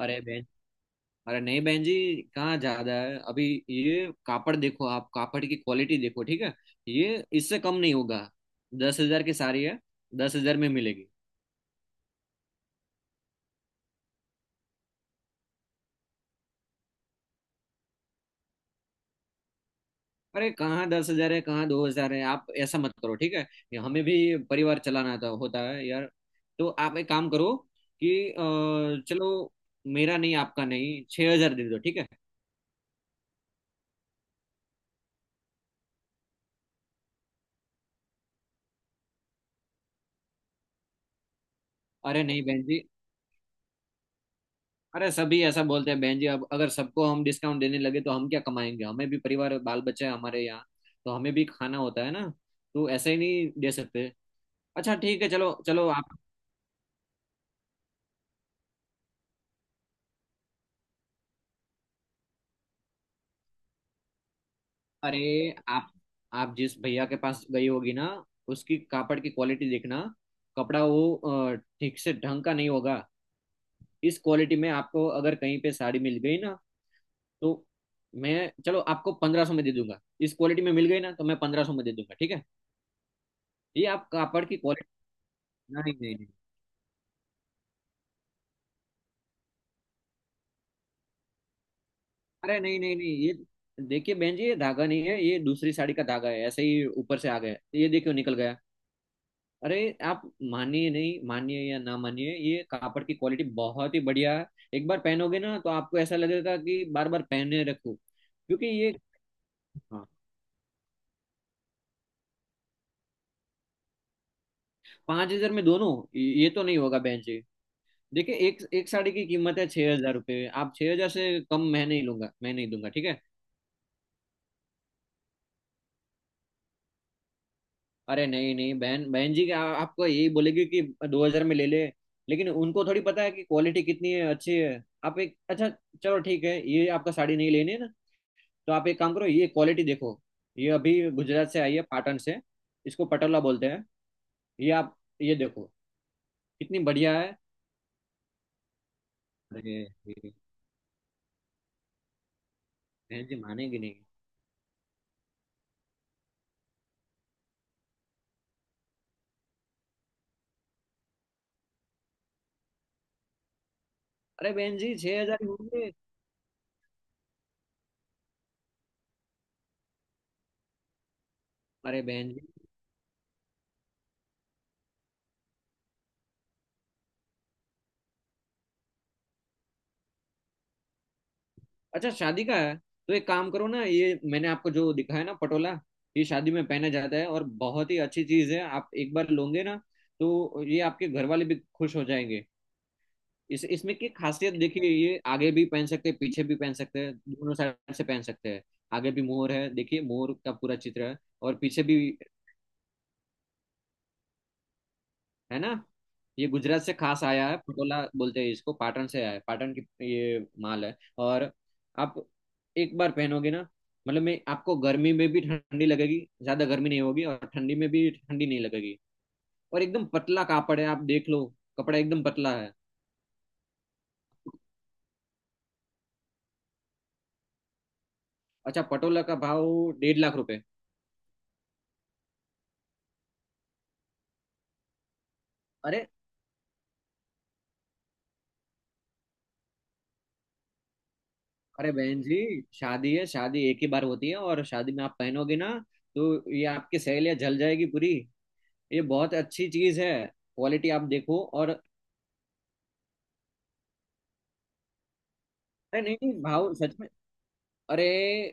अरे बहन। अरे नहीं, बहन जी। कहाँ ज्यादा है अभी? ये कापड़ देखो, आप कापड़ की क्वालिटी देखो, ठीक है। ये इससे कम नहीं होगा। 10,000 की साड़ी है, 10,000 में मिलेगी। अरे कहाँ 10,000 है, कहाँ 2,000 है! आप ऐसा मत करो, ठीक है। ये हमें भी परिवार चलाना था, होता है यार। तो आप एक काम करो कि चलो, मेरा नहीं आपका नहीं, 6,000 दे दो, ठीक है। अरे नहीं बहन जी, अरे सभी ऐसा बोलते हैं बहन जी, अब अगर सबको हम डिस्काउंट देने लगे तो हम क्या कमाएंगे? हमें भी परिवार, बाल बच्चे हैं हमारे यहाँ। तो हमें भी खाना होता है ना। तो ऐसे ही नहीं दे सकते। अच्छा ठीक है, चलो चलो आप। अरे आप आप जिस भैया के पास गई होगी ना, उसकी कापड़ की क्वालिटी देखना। कपड़ा वो ठीक से ढंग का नहीं होगा। इस क्वालिटी में आपको अगर कहीं पे साड़ी मिल गई ना, तो मैं, चलो, आपको 1,500 में दे दूंगा। इस क्वालिटी में मिल गई ना तो मैं 1,500 में दे दूंगा, ठीक है। ये आप कापड़ की क्वालिटी। नहीं नहीं। अरे नहीं नहीं नहीं, ये देखिए बहन जी, ये धागा नहीं है, ये दूसरी साड़ी का धागा है, ऐसे ही ऊपर से आ गया, ये देखियो निकल गया। अरे आप मानिए, नहीं मानिए या ना मानिए, ये कापड़ की क्वालिटी बहुत ही बढ़िया है। एक बार पहनोगे ना तो आपको ऐसा लगेगा कि बार बार पहने रखो, क्योंकि ये। हाँ, 5,000 में दोनों? ये तो नहीं होगा बहन जी। देखिए, एक एक साड़ी की कीमत है 6,000 रुपये। आप 6,000 से कम मैं नहीं लूंगा, मैं नहीं दूंगा, ठीक है। अरे नहीं नहीं, बहन बहन जी, क्या आपको यही बोलेगी कि 2,000 में ले ले? लेकिन उनको थोड़ी पता है कि क्वालिटी कितनी है अच्छी है। आप एक अच्छा, चलो ठीक है, ये आपका साड़ी नहीं लेनी है ना? तो आप एक काम करो, ये क्वालिटी देखो। ये अभी गुजरात से आई है, पाटन से। इसको पटोला बोलते हैं। ये आप, ये देखो, कितनी बढ़िया है। अरे ये बहन जी मानेगी नहीं। अरे बहन जी 6,000 ही होंगे। अरे बहन, अच्छा शादी का है, तो एक काम करो ना, ये मैंने आपको जो दिखाया ना पटोला, ये शादी में पहना जाता है और बहुत ही अच्छी चीज है। आप एक बार लोगे ना तो ये आपके घर वाले भी खुश हो जाएंगे। इस इसमें की खासियत देखिए, ये आगे भी पहन सकते हैं, पीछे भी पहन सकते हैं, दोनों साइड से पहन सकते हैं। आगे भी मोर है, देखिए मोर का पूरा चित्र है, और पीछे भी। है ना? ये गुजरात से खास आया है, पटोला बोलते हैं इसको, पाटन से आया है, पाटन की ये माल है। और आप एक बार पहनोगे ना, मतलब मैं आपको, गर्मी में भी ठंडी लगेगी, ज्यादा गर्मी नहीं होगी और ठंडी में भी ठंडी नहीं लगेगी, और एकदम पतला कापड़ है, आप देख लो। कपड़ा एकदम पतला है। अच्छा, पटोला का भाव 1,50,000 रुपए। अरे, अरे बहन जी, शादी है, शादी एक ही बार होती है, और शादी में आप पहनोगे ना तो ये आपकी सहेलियां जल जाएगी पूरी। ये बहुत अच्छी चीज है, क्वालिटी आप देखो। और अरे नहीं नहीं, भाव सच में। अरे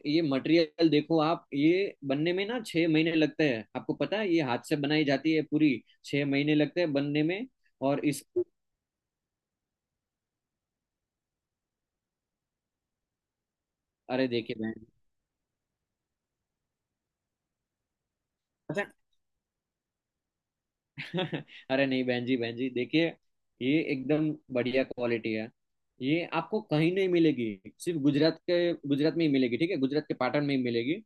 ये मटेरियल देखो आप, ये बनने में ना 6 महीने लगते हैं, आपको पता है, ये हाथ से बनाई जाती है पूरी। 6 महीने लगते हैं बनने में। और इस, अरे देखिए बहन जी, अच्छा। अरे नहीं बहन जी, बहन जी देखिए, ये एकदम बढ़िया क्वालिटी है, ये आपको कहीं नहीं मिलेगी, सिर्फ गुजरात के, गुजरात में ही मिलेगी, ठीक है, गुजरात के पाटन में ही मिलेगी।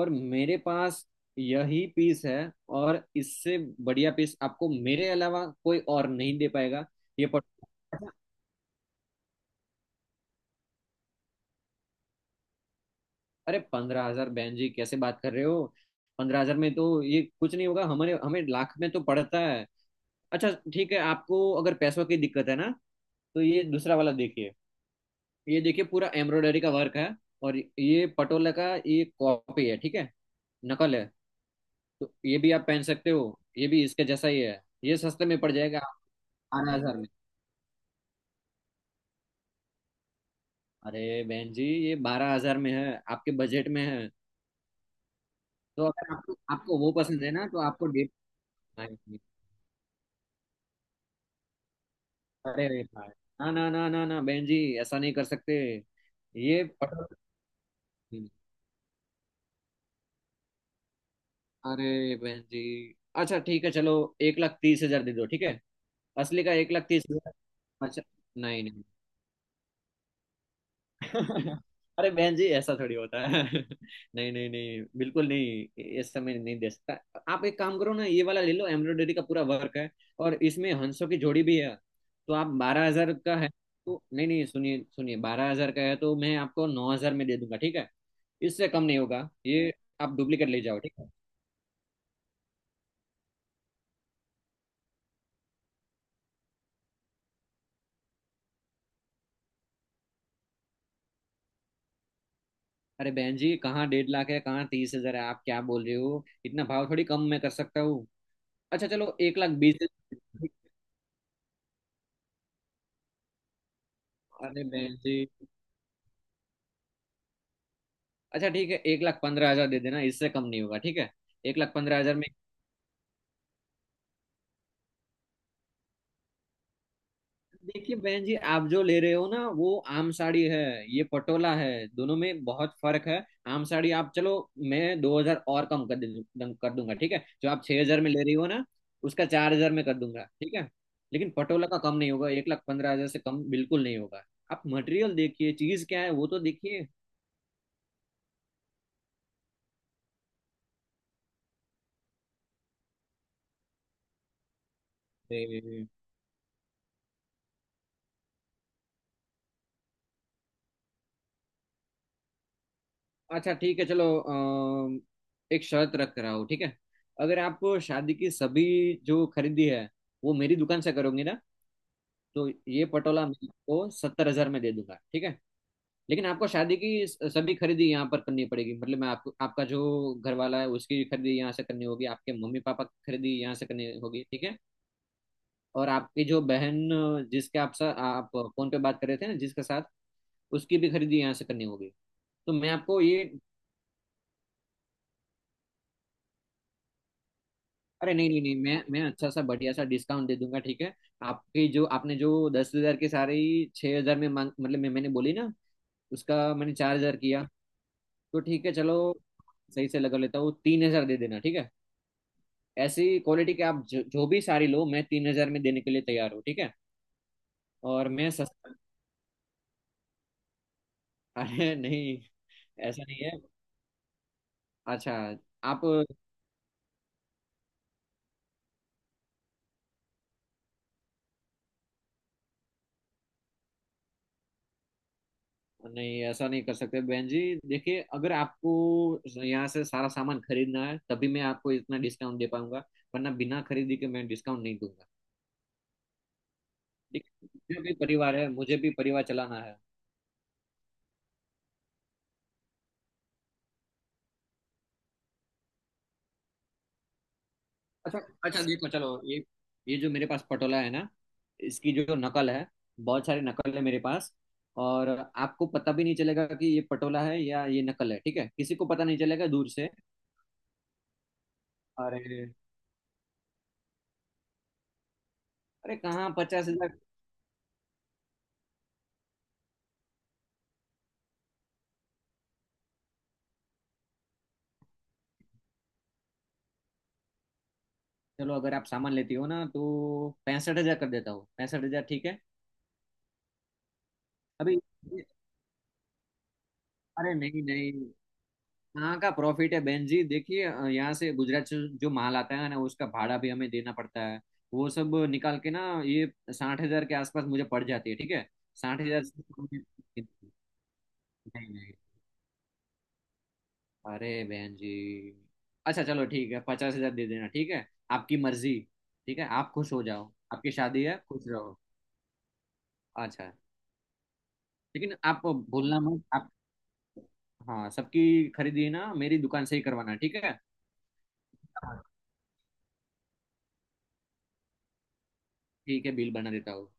और मेरे पास यही पीस है, और इससे बढ़िया पीस आपको मेरे अलावा कोई और नहीं दे पाएगा। ये पट, अरे 15,000, बहन जी कैसे बात कर रहे हो? 15,000 में तो ये कुछ नहीं होगा, हमारे हमें लाख में तो पड़ता है। अच्छा ठीक है, आपको अगर पैसों की दिक्कत है ना, तो ये दूसरा वाला देखिए। ये देखिए, पूरा एम्ब्रॉयडरी का वर्क है, और ये पटोला का ये कॉपी है, ठीक है, नकल है। तो ये भी आप पहन सकते हो, ये भी इसके जैसा ही है, ये सस्ते में पड़ जाएगा। 12,000 में? अरे बहन जी, ये 12,000 में है, आपके बजट में है। तो अगर आपको, आपको वो पसंद है ना, तो आपको डेढ़, अरे भाई, ना ना ना ना ना, बहन जी, ऐसा नहीं कर सकते। ये पटल। अरे बहन जी, अच्छा ठीक है चलो, 1,30,000 दे दो, ठीक है, असली का 1,30,000। अच्छा। नहीं नहीं। अरे बहन जी ऐसा थोड़ी होता है। नहीं नहीं नहीं, बिल्कुल नहीं, ये समय नहीं दे सकता। आप एक काम करो ना, ये वाला ले लो, एम्ब्रॉयडरी का पूरा वर्क है, और इसमें हंसों की जोड़ी भी है। तो आप, 12,000 का है, तो नहीं नहीं, सुनिए सुनिए, 12,000 का है तो मैं आपको 9,000 में दे दूंगा, ठीक है। इससे कम नहीं होगा ये। आप डुप्लीकेट ले जाओ, ठीक है। अरे बहन जी कहाँ 1,50,000 है, कहाँ 30,000 है! आप क्या बोल रहे हो, इतना भाव थोड़ी कम मैं कर सकता हूँ? अच्छा चलो, 1,20,000। अरे बहन जी, अच्छा ठीक है, 1,15,000 दे देना, इससे कम नहीं होगा, ठीक है। एक लाख पंद्रह हजार में। देखिए बहन जी, आप जो ले रहे हो ना, वो आम साड़ी है, ये पटोला है, दोनों में बहुत फर्क है। आम साड़ी आप चलो, मैं 2,000 और कम कर दूंगा, ठीक है। जो आप 6,000 में ले रही हो ना, उसका 4,000 में कर दूंगा, ठीक है। लेकिन पटोला का कम नहीं होगा, 1,15,000 से कम बिल्कुल नहीं होगा। आप मटेरियल देखिए, चीज क्या है वो तो देखिए। अच्छा ठीक है, चलो एक शर्त रख रहा हूँ, ठीक है। अगर आप शादी की सभी जो खरीदी है, वो मेरी दुकान से करोगे ना, तो ये पटोला मैं आपको 70,000 में दे दूंगा, ठीक है। लेकिन आपको शादी की सभी खरीदी यहाँ पर करनी पड़ेगी, मतलब मैं आपको, आपका जो घर वाला है उसकी खरीदी यहाँ से करनी होगी, आपके मम्मी पापा की खरीदी यहाँ से करनी होगी, ठीक है। और आपकी जो बहन, जिसके आप आप फोन पे बात कर रहे थे ना जिसके साथ, उसकी भी खरीदी यहाँ से करनी होगी। तो मैं आपको ये, अरे नहीं नहीं नहीं, मैं अच्छा सा बढ़िया सा डिस्काउंट दे दूंगा, ठीक है। आपकी जो, आपने जो 10,000 के सारे ही 6,000 में मांग, मतलब मैं मैंने बोली ना, उसका मैंने 4,000 किया, तो ठीक है चलो, सही से लगा लेता हूँ, 3,000 दे देना, ठीक है। ऐसी क्वालिटी के आप जो भी सारी लो, मैं 3,000 में देने के लिए तैयार हूँ, ठीक है। और मैं सस्ता। अरे नहीं, ऐसा नहीं है। अच्छा, आप, नहीं ऐसा नहीं कर सकते बहन जी। देखिए, अगर आपको यहाँ से सारा सामान खरीदना है, तभी मैं आपको इतना डिस्काउंट दे पाऊंगा, वरना बिना खरीदी के मैं डिस्काउंट नहीं दूंगा। ठीक है? मुझे भी परिवार है, मुझे भी परिवार चलाना है। अच्छा, अच्छा देखो, चलो ये जो मेरे पास पटोला है ना, इसकी जो नकल है, बहुत सारी नकल है मेरे पास। और आपको पता भी नहीं चलेगा कि ये पटोला है या ये नकल है, ठीक है, किसी को पता नहीं चलेगा दूर से। अरे, अरे कहाँ 50,000! चलो, अगर आप सामान लेती हो ना, तो 65,000 कर देता हूँ, 65,000, ठीक है। अभी, अरे नहीं नहीं, कहाँ का प्रॉफिट है बहन जी, देखिए यहाँ से गुजरात से जो माल आता है ना, उसका भाड़ा भी हमें देना पड़ता है, वो सब निकाल के ना, ये 60,000 के आसपास मुझे पड़ जाती है, ठीक है। 60,000 से कम नहीं। नहीं नहीं। अरे बहन जी, अच्छा चलो ठीक है, 50,000 दे देना, ठीक है। आपकी मर्जी, ठीक है, आप खुश हो जाओ, आपकी शादी है, खुश रहो। अच्छा, लेकिन आप भूलना मत। हाँ, सबकी खरीदी ना मेरी दुकान से ही करवाना, ठीक है। ठीक है, बिल बना देता हूँ।